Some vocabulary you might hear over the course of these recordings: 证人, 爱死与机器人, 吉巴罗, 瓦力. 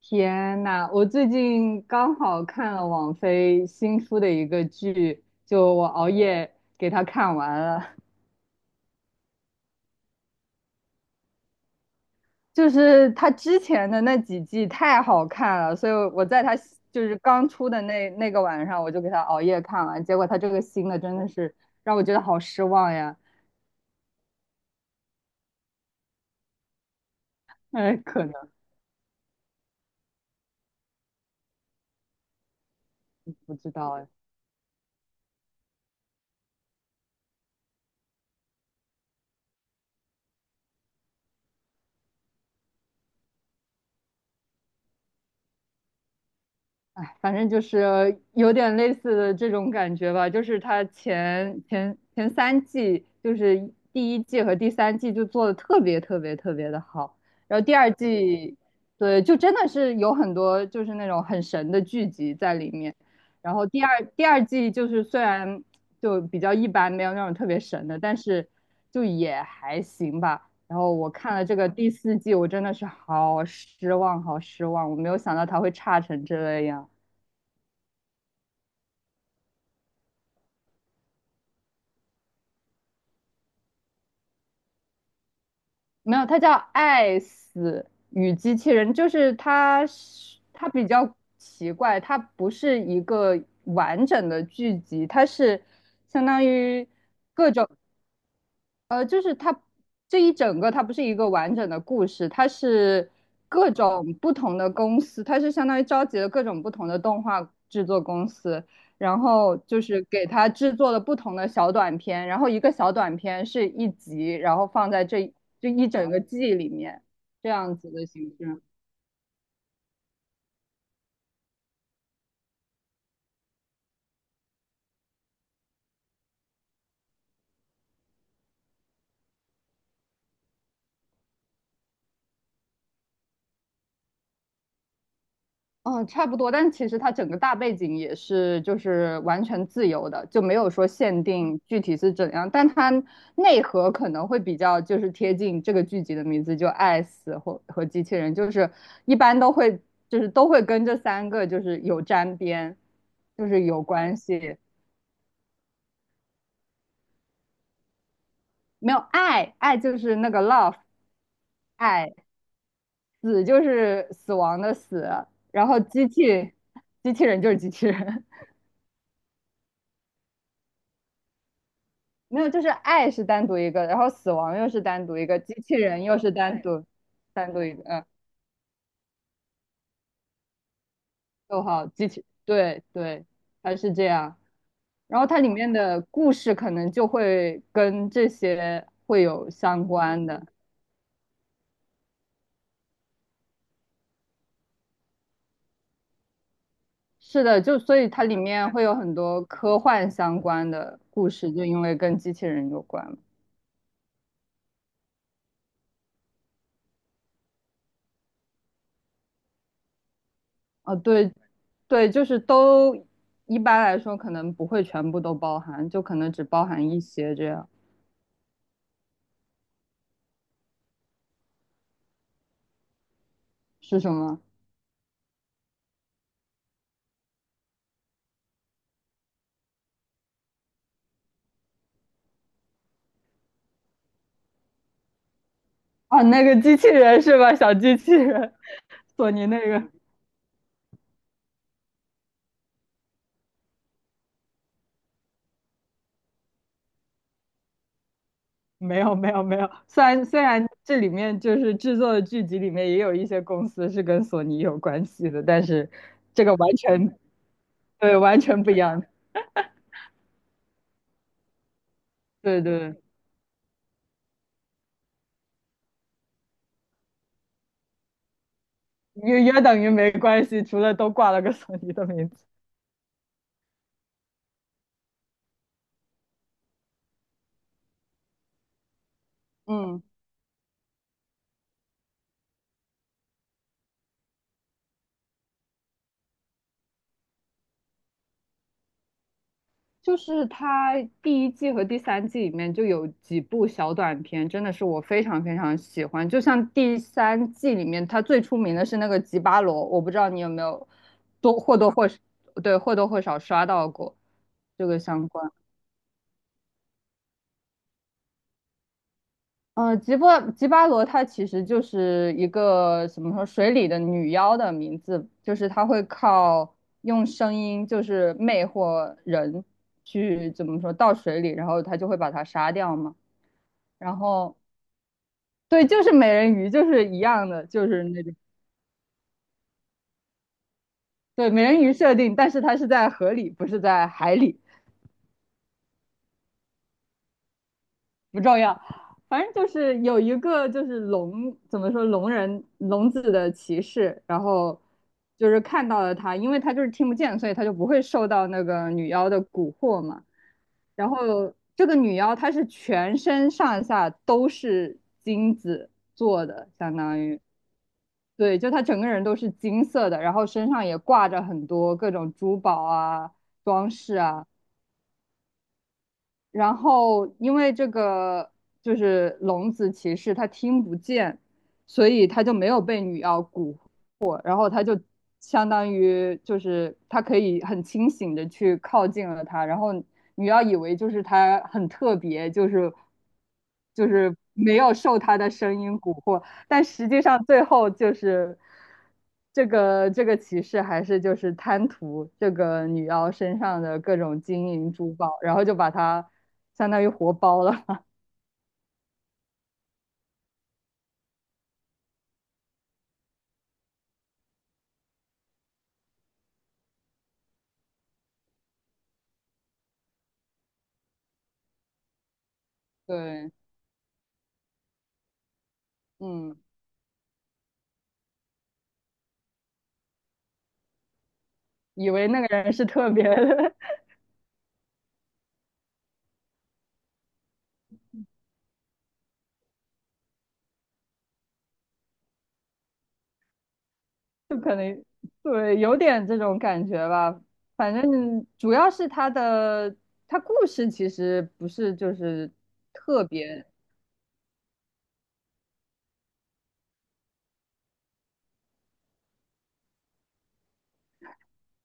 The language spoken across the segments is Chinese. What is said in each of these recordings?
天呐，我最近刚好看了网飞新出的一个剧，就我熬夜给它看完了。就是它之前的那几季太好看了，所以我在它刚出的那个晚上，我就给它熬夜看完。结果它这个新的真的是让我觉得好失望呀。哎，可能不知道哎。哎，反正就是有点类似的这种感觉吧，就是它前三季，就是第一季和第三季就做的特别的好，然后第二季，对，就真的是有很多就是那种很神的剧集在里面，然后第二季就是虽然就比较一般，没有那种特别神的，但是就也还行吧。然后我看了这个第四季，我真的是好失望，好失望，我没有想到它会差成这样。没有，它叫《爱死与机器人》，就是它比较奇怪，它不是一个完整的剧集，它是相当于。就是它这一整个，它不是一个完整的故事，它是各种不同的公司，它是相当于召集了各种不同的动画制作公司，然后就是给它制作了不同的小短片，然后一个小短片是一集，然后放在这就一整个季里面，这样子的形式。嗯，差不多，但其实它整个大背景也是就是完全自由的，就没有说限定具体是怎样，但它内核可能会比较就是贴近这个剧集的名字，就爱死或和机器人，就是一般都会就是都会跟这三个就是有沾边，就是有关系，没有爱，爱就是那个 love，爱，死就是死亡的死，然后机器人就是机器人。没有，就是爱是单独一个，然后死亡又是单独一个，机器人又是单独单独一个，嗯，逗号机器，对对，它是这样。然后它里面的故事可能就会跟这些会有相关的。是的，就所以它里面会有很多科幻相关的故事，就因为跟机器人有关嘛。啊，对，对，就是都一般来说可能不会全部都包含，就可能只包含一些这样。是什么？啊，那个机器人是吧？小机器人，索尼那个没有没有没有。虽然这里面就是制作的剧集里面也有一些公司是跟索尼有关系的，但是这个完全对完全不一样。对对，也也等于没关系，除了都挂了个索尼的名字。嗯。就是它第一季和第三季里面就有几部小短片，真的是我非常非常喜欢。就像第三季里面，它最出名的是那个吉巴罗，我不知道你有没有多或多或少对或多或少刷到过这个相关。吉巴罗它其实就是一个怎么说水里的女妖的名字，就是它会靠用声音就是魅惑人去怎么说到水里，然后他就会把它杀掉嘛。然后对，就是美人鱼，就是一样的，就是那种对美人鱼设定，但是它是在河里，不是在海里，不重要。反正就是有一个就是聋，怎么说聋人聋子的骑士，然后就是看到了他，因为他就是听不见，所以他就不会受到那个女妖的蛊惑嘛。然后这个女妖她是全身上下都是金子做的，相当于。对，就他整个人都是金色的，然后身上也挂着很多各种珠宝啊、装饰啊，然后因为这个就是聋子骑士，他听不见，所以他就没有被女妖蛊惑，然后他就相当于就是他可以很清醒的去靠近了她，然后女妖以为就是他很特别，就是没有受他的声音蛊惑，但实际上最后就是这个骑士还是就是贪图这个女妖身上的各种金银珠宝，然后就把她相当于活包了。对，嗯，以为那个人是特别，的，就可能对，有点这种感觉吧。反正主要是他的他故事其实不是就是特别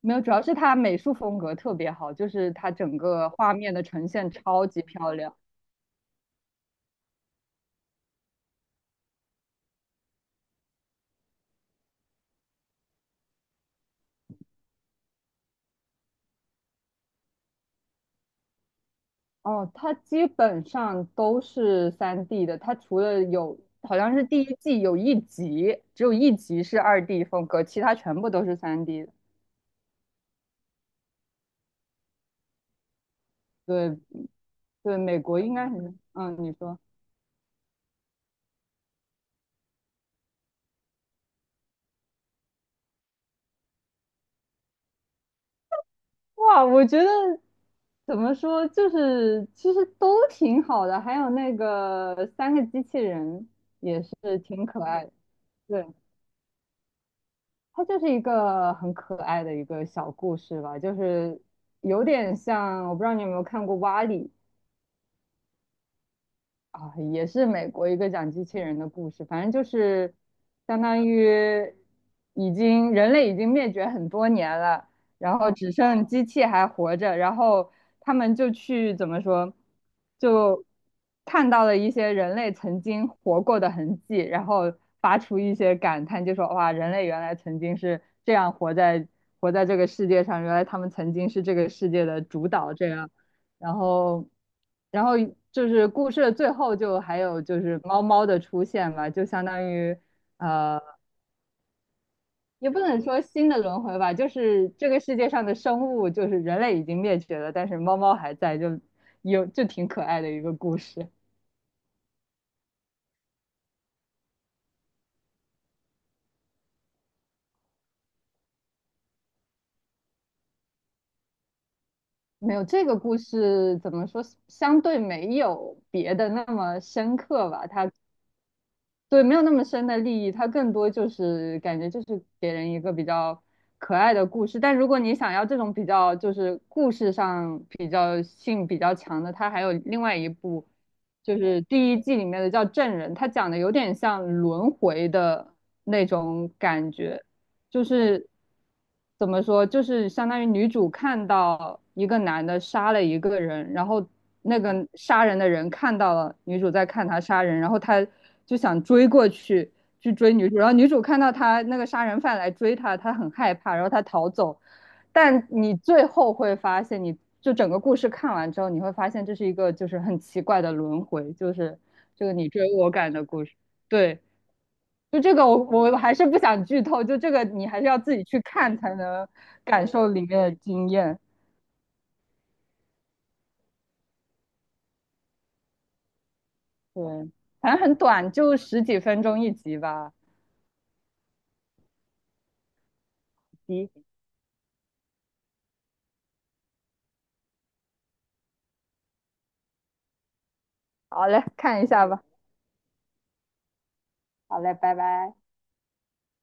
没有，主要是他美术风格特别好，就是他整个画面的呈现超级漂亮。哦，它基本上都是三 d 的，它除了有好像是第一季有一集，只有一集是2D 风格，其他全部都是三 d 对对，美国应该很，嗯，你说，哇，我觉得怎么说，就是其实都挺好的，还有那个三个机器人是挺可爱的，对，它就是一个很可爱的一个小故事吧，就是有点像，我不知道你有没有看过《瓦力》，啊，也是美国一个讲机器人的故事，反正就是相当于已经人类已经灭绝很多年了，然后只剩机器还活着，然后他们就去怎么说，就看到了一些人类曾经活过的痕迹，然后发出一些感叹，就说哇，人类原来曾经是这样活在这个世界上，原来他们曾经是这个世界的主导，这样。然后，然后就是故事的最后就还有就是猫猫的出现吧，就相当于呃，也不能说新的轮回吧，就是这个世界上的生物，就是人类已经灭绝了，但是猫猫还在，就有就挺可爱的一个故事。没有这个故事怎么说，相对没有别的那么深刻吧，它对，没有那么深的利益，它更多就是感觉就是给人一个比较可爱的故事。但如果你想要这种比较就是故事上比较性比较强的，它还有另外一部，就是第一季里面的叫《证人》，它讲的有点像轮回的那种感觉。就是怎么说，就是相当于女主看到一个男的杀了一个人，然后那个杀人的人看到了女主在看他杀人，然后他就想追过去去追女主，然后女主看到他那个杀人犯来追她，她很害怕，然后她逃走。但你最后会发现，你就整个故事看完之后，你会发现这是一个就是很奇怪的轮回，就是这个你追我赶的故事。对，就这个我还是不想剧透，就这个你还是要自己去看才能感受里面的经验。对，反正很短，就十几分钟一集吧。集，好嘞，看一下吧。好嘞，拜拜。